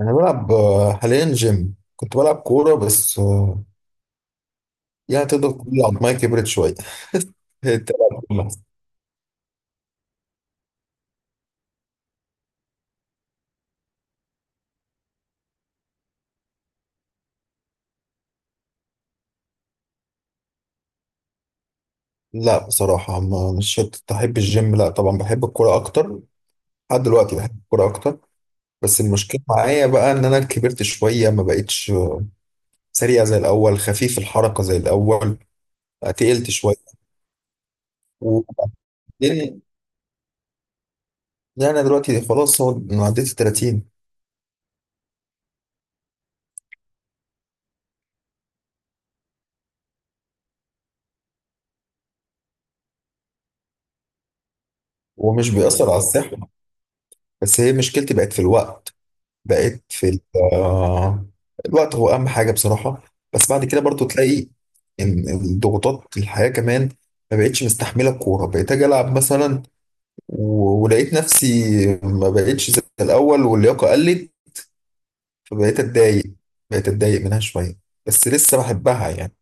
أنا بلعب حاليا جيم، كنت بلعب كورة بس يعني تقدر تقول عظمايا كبرت شوية. تلعب كورة. لا بصراحة مش شرط أحب الجيم، لا طبعا بحب الكورة أكتر لحد دلوقتي، بحب الكورة أكتر. بس المشكلة معايا بقى إن أنا كبرت شوية، ما بقتش سريع زي الأول، خفيف الحركة زي الأول، بقى تقلت شوية. وبعدين يعني أنا دلوقتي خلاص، هو أنا عديت ال 30 ومش بيأثر على الصحة. بس هي مشكلتي بقت في الوقت، بقيت في آه، الوقت هو اهم حاجه بصراحه. بس بعد كده برضو تلاقي ان الضغوطات الحياه كمان ما بقتش مستحمله الكوره، بقيت اجي العب مثلا ولقيت نفسي ما بقتش زي الاول واللياقه قلت، فبقيت اتضايق، بقيت اتضايق منها شويه، بس لسه بحبها يعني.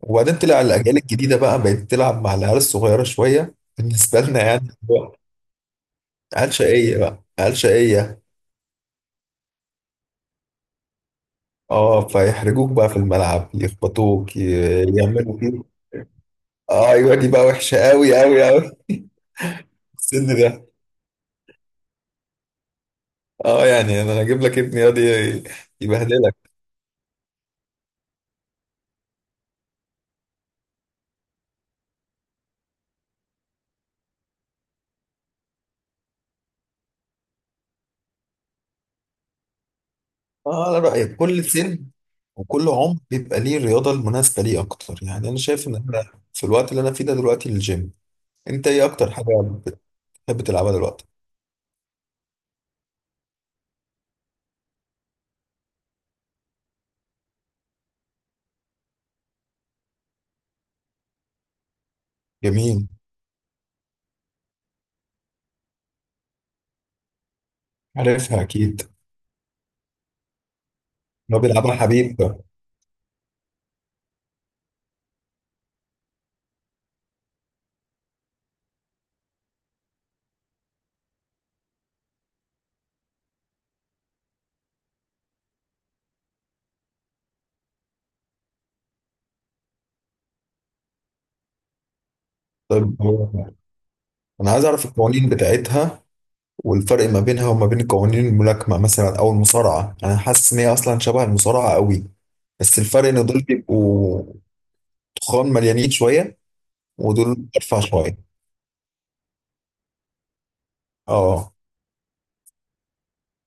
وبعدين طلع الاجيال الجديده بقى، بقت تلعب مع العيال الصغيره شويه بالنسبه لنا، يعني هو عيال شقيه بقى، عيال شقيه. اه فيحرجوك بقى في الملعب، يخبطوك يعملوا. اه ايوه دي بقى وحشه قوي قوي قوي. السن ده، اه يعني انا اجيب لك ابني يقعد يبهدلك. اه انا رايي كل سن وكل عمر بيبقى ليه الرياضه المناسبه ليه اكتر، يعني انا شايف ان انا في الوقت اللي انا فيه ده دلوقتي الجيم. انت ايه اكتر حاجه بتحب تلعبها دلوقتي؟ جميل، عارفها اكيد، لو بيلعبها حبيب. طب هو- انا عايز اعرف القوانين بتاعتها والفرق ما بينها وما بين قوانين الملاكمة مثلا أو المصارعة. أنا حاسس إن هي أصلا شبه المصارعة قوي، بس الفرق إن دول بيبقوا تخان مليانين شوية ودول أرفع شوية. أه،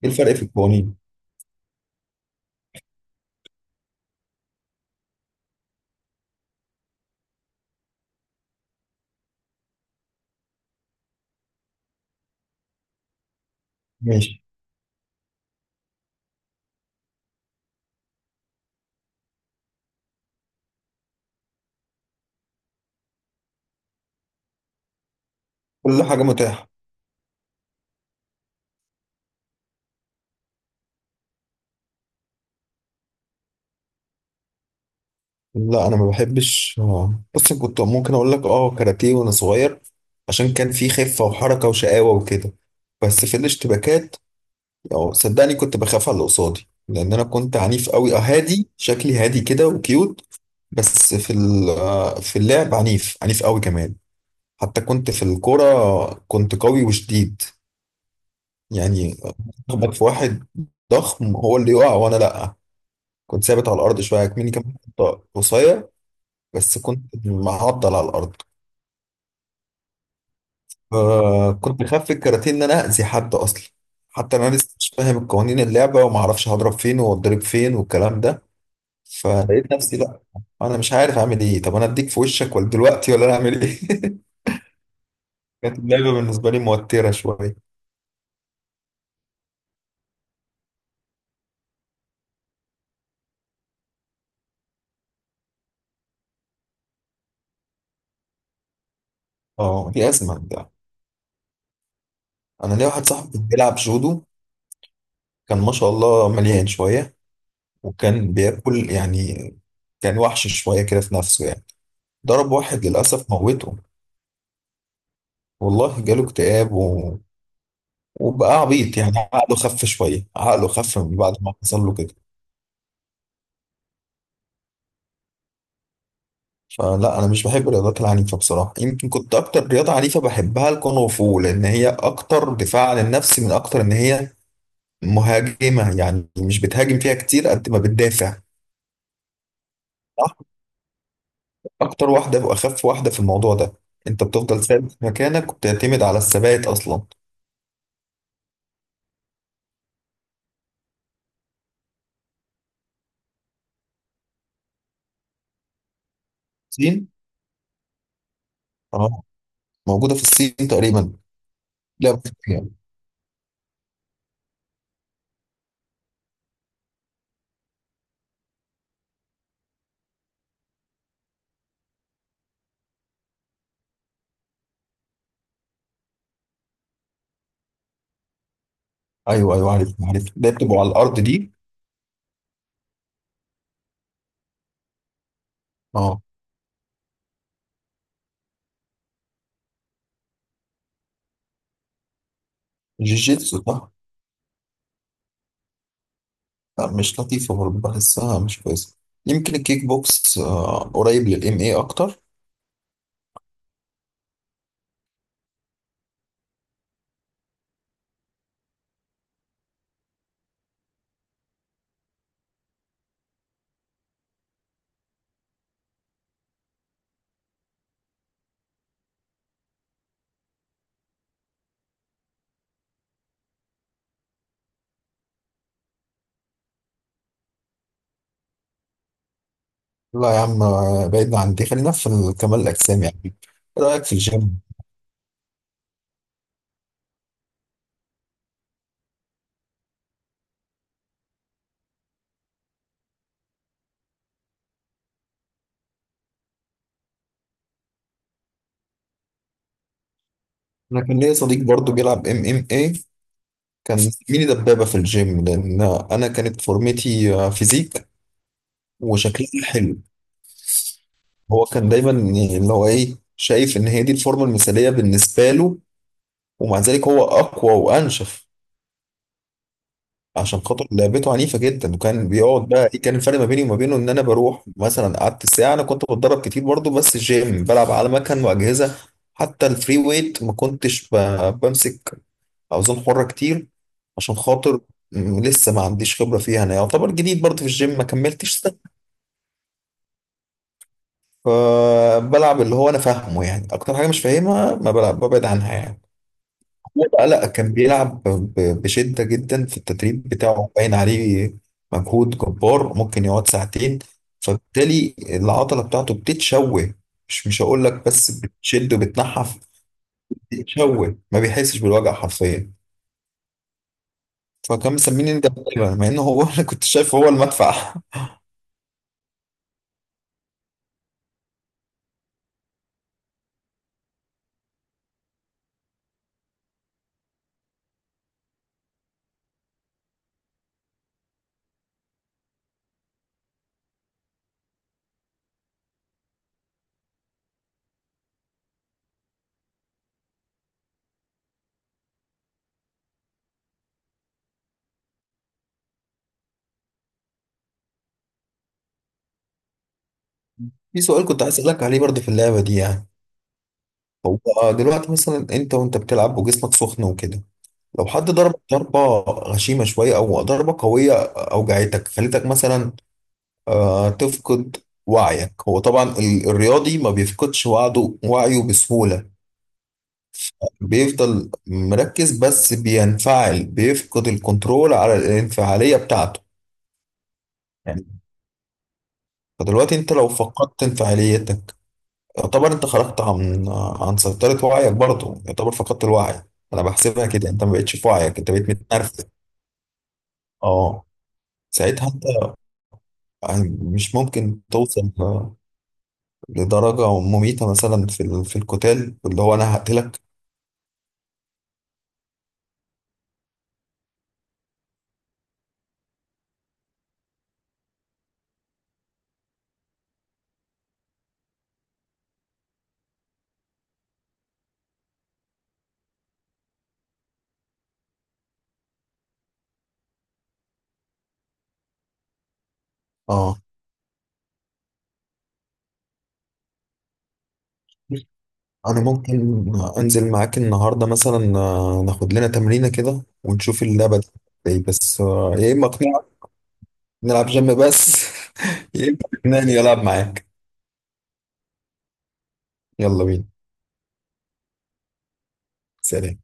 إيه الفرق في القوانين؟ ماشي. كل حاجة متاحة. لا أنا ما بحبش. بص كنت ممكن أقول لك أه كاراتيه وأنا صغير، عشان كان في خفة وحركة وشقاوة وكده. بس في الاشتباكات أو صدقني كنت بخاف على اللي قصادي، لأن أنا كنت عنيف قوي. أه هادي شكلي، هادي كده وكيوت، بس في في اللعب عنيف، عنيف قوي كمان. حتى كنت في الكورة كنت قوي وشديد، يعني اخبط في واحد ضخم هو اللي يقع وانا لا، كنت ثابت على الارض. شويه مني كمان كنت قصير، بس كنت معضل على الارض. آه كنت خاف في الكاراتيه ان انا اذي حد اصلا، حتى انا لسه مش فاهم قوانين اللعبه وما اعرفش هضرب فين واتضرب فين والكلام ده، فلقيت نفسي لا انا مش عارف اعمل ايه، طب انا اديك في وشك ولا دلوقتي، ولا انا اعمل ايه؟ كانت اللعبة بالنسبة لي موترة شوية. اه دي أزمة ده. أنا ليا واحد صاحبي بيلعب جودو، كان ما شاء الله مليان شوية وكان بياكل يعني، كان وحش شوية كده في نفسه يعني، ضرب واحد للأسف موته. والله جاله اكتئاب و... وبقى عبيط يعني، عقله خف شوية، عقله خف من بعد ما حصل له كده. فلا أنا مش بحب الرياضات العنيفة بصراحة. يمكن كنت أكتر رياضة عنيفة بحبها الكونغ فو، لأن هي أكتر دفاع عن النفس من أكتر إن هي مهاجمة، يعني مش بتهاجم فيها كتير قد ما بتدافع، صح؟ أكتر واحدة وأخف واحدة في الموضوع ده، أنت بتفضل ثابت في مكانك وبتعتمد على الثبات أصلا. الصين. أه موجودة في الصين تقريبا. لا مش يعني. أيوه أيوه عارف عارف، ده بتبقوا على الأرض دي. أه جيجيتسو صح. لا، مش لطيفة برضه، بحسها مش كويسة. يمكن الكيك بوكس قريب للإم إيه أكتر. لا يا عم بعيدنا عن دي، خلينا في كمال الأجسام، يعني إيه رأيك في الجيم؟ أنا كان ليا صديق برضه بيلعب إم إم إيه، كان زميلي دبابة في الجيم، لأن أنا كانت فورمتي فيزيك وشكلي حلو. هو كان دايما يعني اللي هو إيه، شايف إن هي دي الفورمة المثالية بالنسبة له، ومع ذلك هو أقوى وأنشف عشان خاطر لعبته عنيفة جدا. وكان بيقعد بقى، إيه كان الفرق ما بيني وما بينه، إن أنا بروح مثلا قعدت ساعة، أنا كنت بتدرب كتير برضه بس جيم، بلعب على مكن وأجهزة، حتى الفري ويت ما كنتش بمسك اوزان حرة كتير عشان خاطر لسه ما عنديش خبرة فيها، انا يعتبر جديد برضه في الجيم، ما كملتش سنة، فبلعب اللي هو انا فاهمه يعني، اكتر حاجة مش فاهمها ما بلعب، ببعد عنها يعني. هو بقى لا، كان بيلعب بشدة جدا في التدريب بتاعه، باين عليه مجهود جبار، ممكن يقعد ساعتين، فبالتالي العضلة بتاعته بتتشوه، مش هقول لك بس بتشد وبتنحف، بتتشوه، ما بيحسش بالوجع حرفيا. فكان مسميني ده، مع ان هو انا كنت شايف هو المدفع. في سؤال كنت عايز اسالك عليه برضه في اللعبه دي يعني، هو دلوقتي مثلا انت وانت بتلعب وجسمك سخن وكده، لو حد ضربك ضربه غشيمه شويه او ضربه قويه، اوجعتك خليتك مثلا آه تفقد وعيك. هو طبعا الرياضي ما بيفقدش وعده، وعيه بسهوله، بيفضل مركز، بس بينفعل، بيفقد الكنترول على الانفعاليه بتاعته يعني. فدلوقتي انت لو فقدت انفعاليتك، يعتبر انت خرجت عن عن سيطرة وعيك، برضه يعتبر فقدت الوعي. انا بحسبها كده، انت ما بقتش في وعيك، انت بقيت متنرفز. اه ساعتها انت يعني، مش ممكن توصل لدرجة مميتة مثلا في في القتال اللي هو انا هقتلك؟ اه انا ممكن انزل معاك النهاردة مثلا ناخد لنا تمرينة كده ونشوف اللعبة دي. إيه، بس يا اما اقنعك نلعب جيم بس، يا اما تقنعني العب معاك. يلا بينا. سلام.